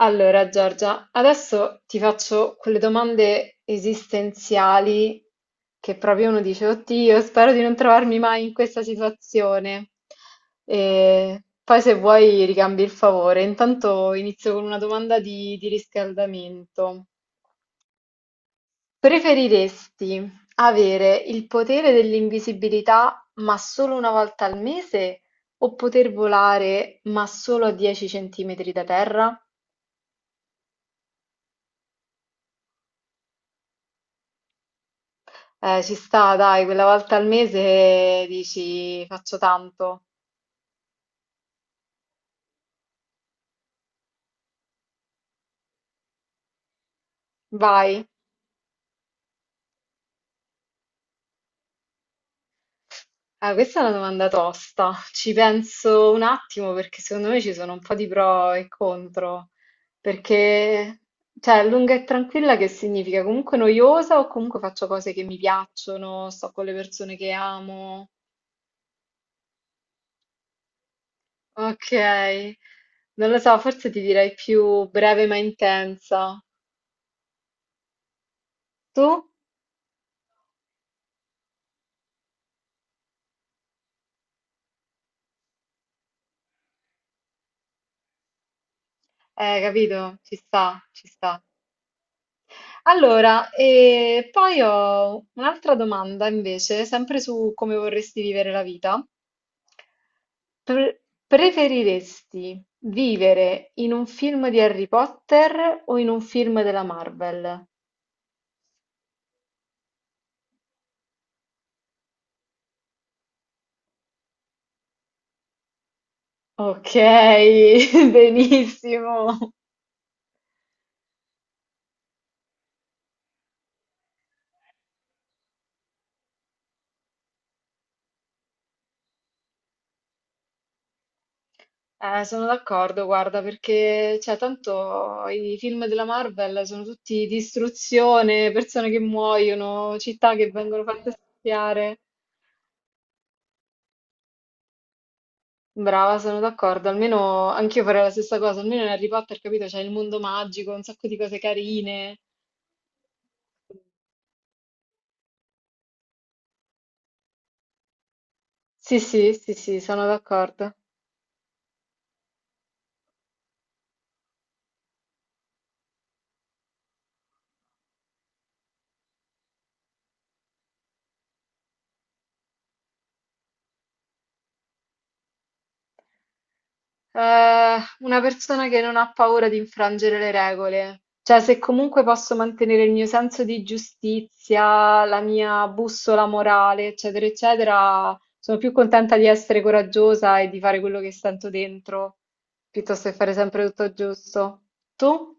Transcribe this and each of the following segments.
Allora, Giorgia, adesso ti faccio quelle domande esistenziali che proprio uno dice, oddio, spero di non trovarmi mai in questa situazione. E poi se vuoi ricambi il favore. Intanto inizio con una domanda di riscaldamento. Preferiresti avere il potere dell'invisibilità ma solo una volta al mese o poter volare ma solo a 10 centimetri da terra? Ci sta, dai, quella volta al mese dici faccio tanto, vai. Ah, questa è una domanda tosta. Ci penso un attimo perché secondo me ci sono un po' di pro e contro. Perché, cioè, lunga e tranquilla che significa? Comunque noiosa o comunque faccio cose che mi piacciono, sto con le persone che amo. Ok, non lo so, forse ti direi più breve ma intensa. Tu? Capito? Ci sta, ci sta. Allora, e poi ho un'altra domanda invece, sempre su come vorresti vivere la vita. Pre- Preferiresti vivere in un film di Harry Potter o in un film della Marvel? Ok, benissimo. Sono d'accordo, guarda, perché cioè, tanto i film della Marvel sono tutti distruzione, persone che muoiono, città che vengono fatte spiare. Brava, sono d'accordo. Almeno anch'io farei la stessa cosa. Almeno in Harry Potter, capito? C'è il mondo magico, un sacco di cose carine. Sì, sì, sì, sì, sono d'accordo. Una persona che non ha paura di infrangere le regole. Cioè, se comunque posso mantenere il mio senso di giustizia, la mia bussola morale, eccetera, eccetera, sono più contenta di essere coraggiosa e di fare quello che sento dentro, piuttosto che fare sempre tutto giusto. Tu?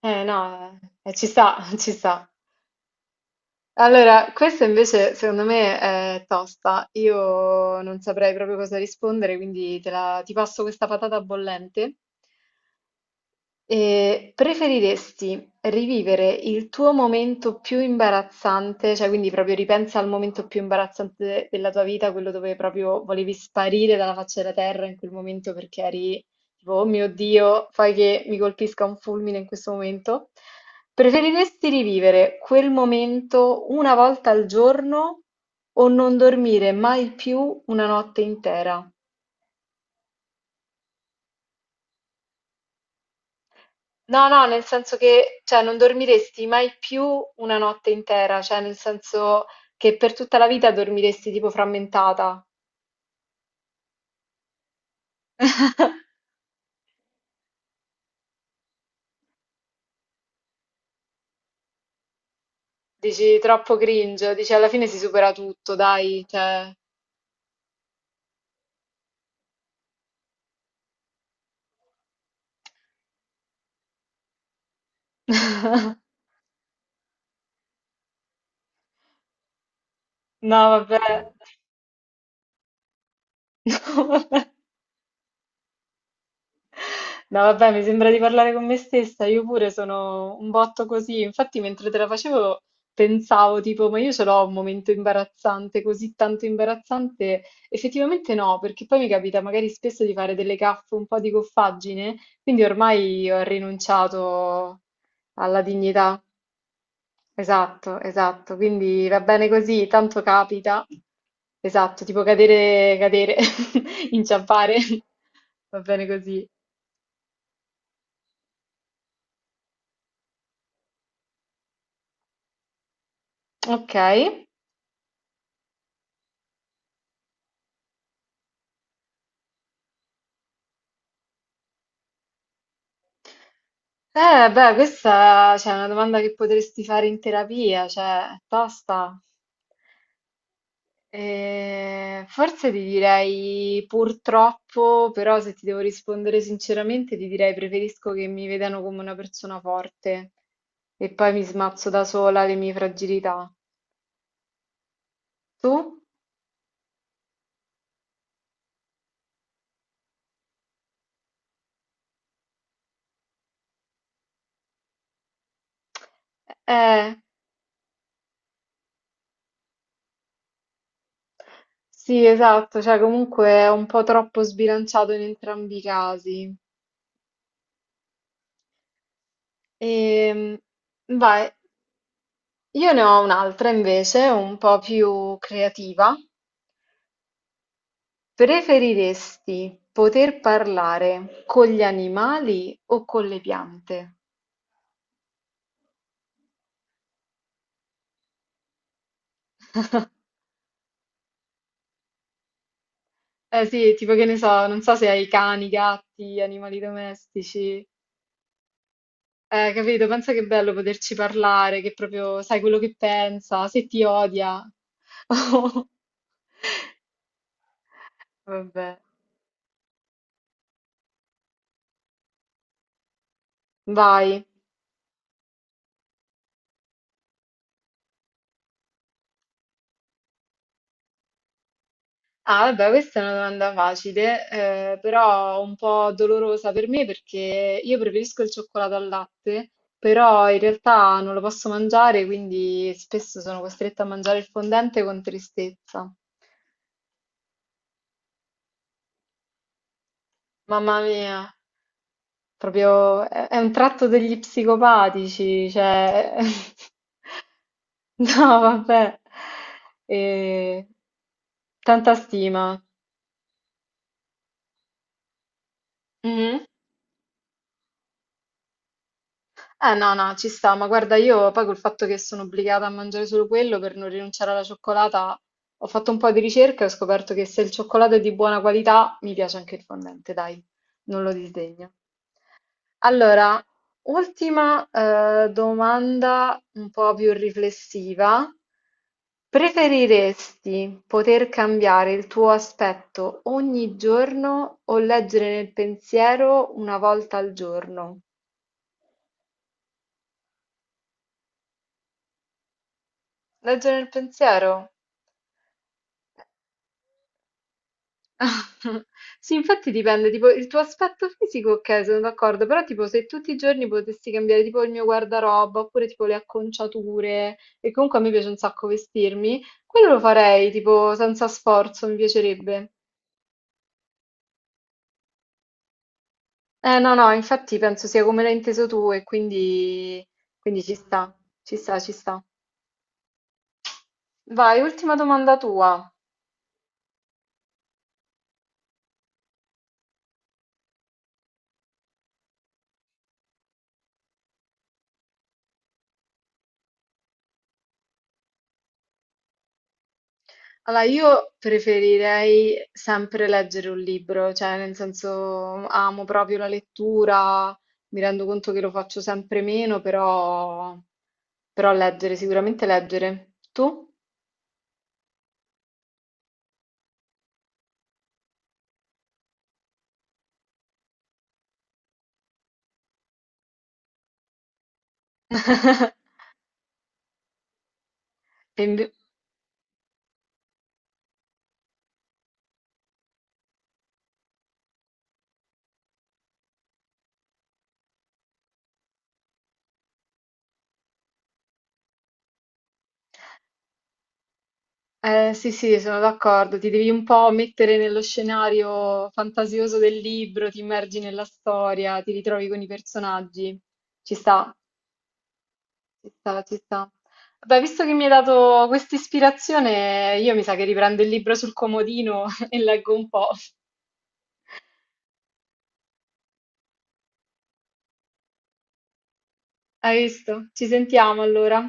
Eh no, ci sta, ci sta. Allora, questa invece secondo me è tosta. Io non saprei proprio cosa rispondere, quindi ti passo questa patata bollente e preferiresti rivivere il tuo momento più imbarazzante, cioè quindi proprio ripensa al momento più imbarazzante della tua vita, quello dove proprio volevi sparire dalla faccia della terra in quel momento perché eri tipo, oh mio Dio, fai che mi colpisca un fulmine in questo momento? Preferiresti rivivere quel momento una volta al giorno o non dormire mai più una notte intera? No, no, nel senso che, cioè, non dormiresti mai più una notte intera, cioè, nel senso che per tutta la vita dormiresti tipo frammentata. Dici troppo cringe, dici alla fine si supera tutto, dai, cioè. No, vabbè. No, vabbè. No, vabbè, mi sembra di parlare con me stessa, io pure sono un botto così. Infatti, mentre te la facevo, pensavo tipo, ma io ce l'ho un momento imbarazzante, così tanto imbarazzante. Effettivamente no, perché poi mi capita magari spesso di fare delle gaffe, un po' di goffaggine, quindi ormai ho rinunciato alla dignità. Esatto, esatto, quindi va bene così, tanto capita. Esatto, tipo cadere, cadere, inciampare. Va bene così. Ok. Beh, questa cioè, è una domanda che potresti fare in terapia, cioè, è tosta. Forse ti direi purtroppo, però se ti devo rispondere sinceramente, ti direi preferisco che mi vedano come una persona forte e poi mi smazzo da sola le mie fragilità. Tu? Eh, sì, esatto, cioè comunque è un po' troppo sbilanciato in entrambi i casi. Ehm, vai. Io ne ho un'altra invece, un po' più creativa. Preferiresti poter parlare con gli animali o con le piante? Eh sì, tipo che ne so, non so se hai cani, gatti, animali domestici. Capito? Pensa che è bello poterci parlare, che proprio sai quello che pensa, se ti odia. Vabbè, vai. Ah, vabbè, questa è una domanda facile, però un po' dolorosa per me perché io preferisco il cioccolato al latte, però in realtà non lo posso mangiare, quindi spesso sono costretta a mangiare il fondente con tristezza. Mamma mia, proprio è un tratto degli psicopatici, cioè... No, vabbè. Eh, tanta stima. Mhm. Eh no, no, ci sta, ma guarda, io poi col fatto che sono obbligata a mangiare solo quello per non rinunciare alla cioccolata, ho fatto un po' di ricerca e ho scoperto che se il cioccolato è di buona qualità, mi piace anche il fondente, dai, non lo disdegno. Allora, ultima domanda un po' più riflessiva. Preferiresti poter cambiare il tuo aspetto ogni giorno o leggere nel pensiero una volta al giorno? Leggere nel pensiero? Sì, infatti dipende, tipo il tuo aspetto fisico, ok, sono d'accordo, però tipo se tutti i giorni potessi cambiare tipo il mio guardaroba oppure tipo le acconciature, e comunque a me piace un sacco vestirmi, quello lo farei tipo senza sforzo, mi piacerebbe. Eh no, no, infatti penso sia come l'hai inteso tu e quindi, quindi ci sta, ci sta, ci sta. Vai, ultima domanda tua. Allora, io preferirei sempre leggere un libro, cioè nel senso amo proprio la lettura, mi rendo conto che lo faccio sempre meno, però, però leggere, sicuramente leggere. Tu? E inve- sì, sì, sono d'accordo, ti devi un po' mettere nello scenario fantasioso del libro, ti immergi nella storia, ti ritrovi con i personaggi, ci sta. Ci sta, ci sta. Beh, visto che mi hai dato questa ispirazione, io mi sa che riprendo il libro sul comodino e leggo un po'. Hai visto? Ci sentiamo allora.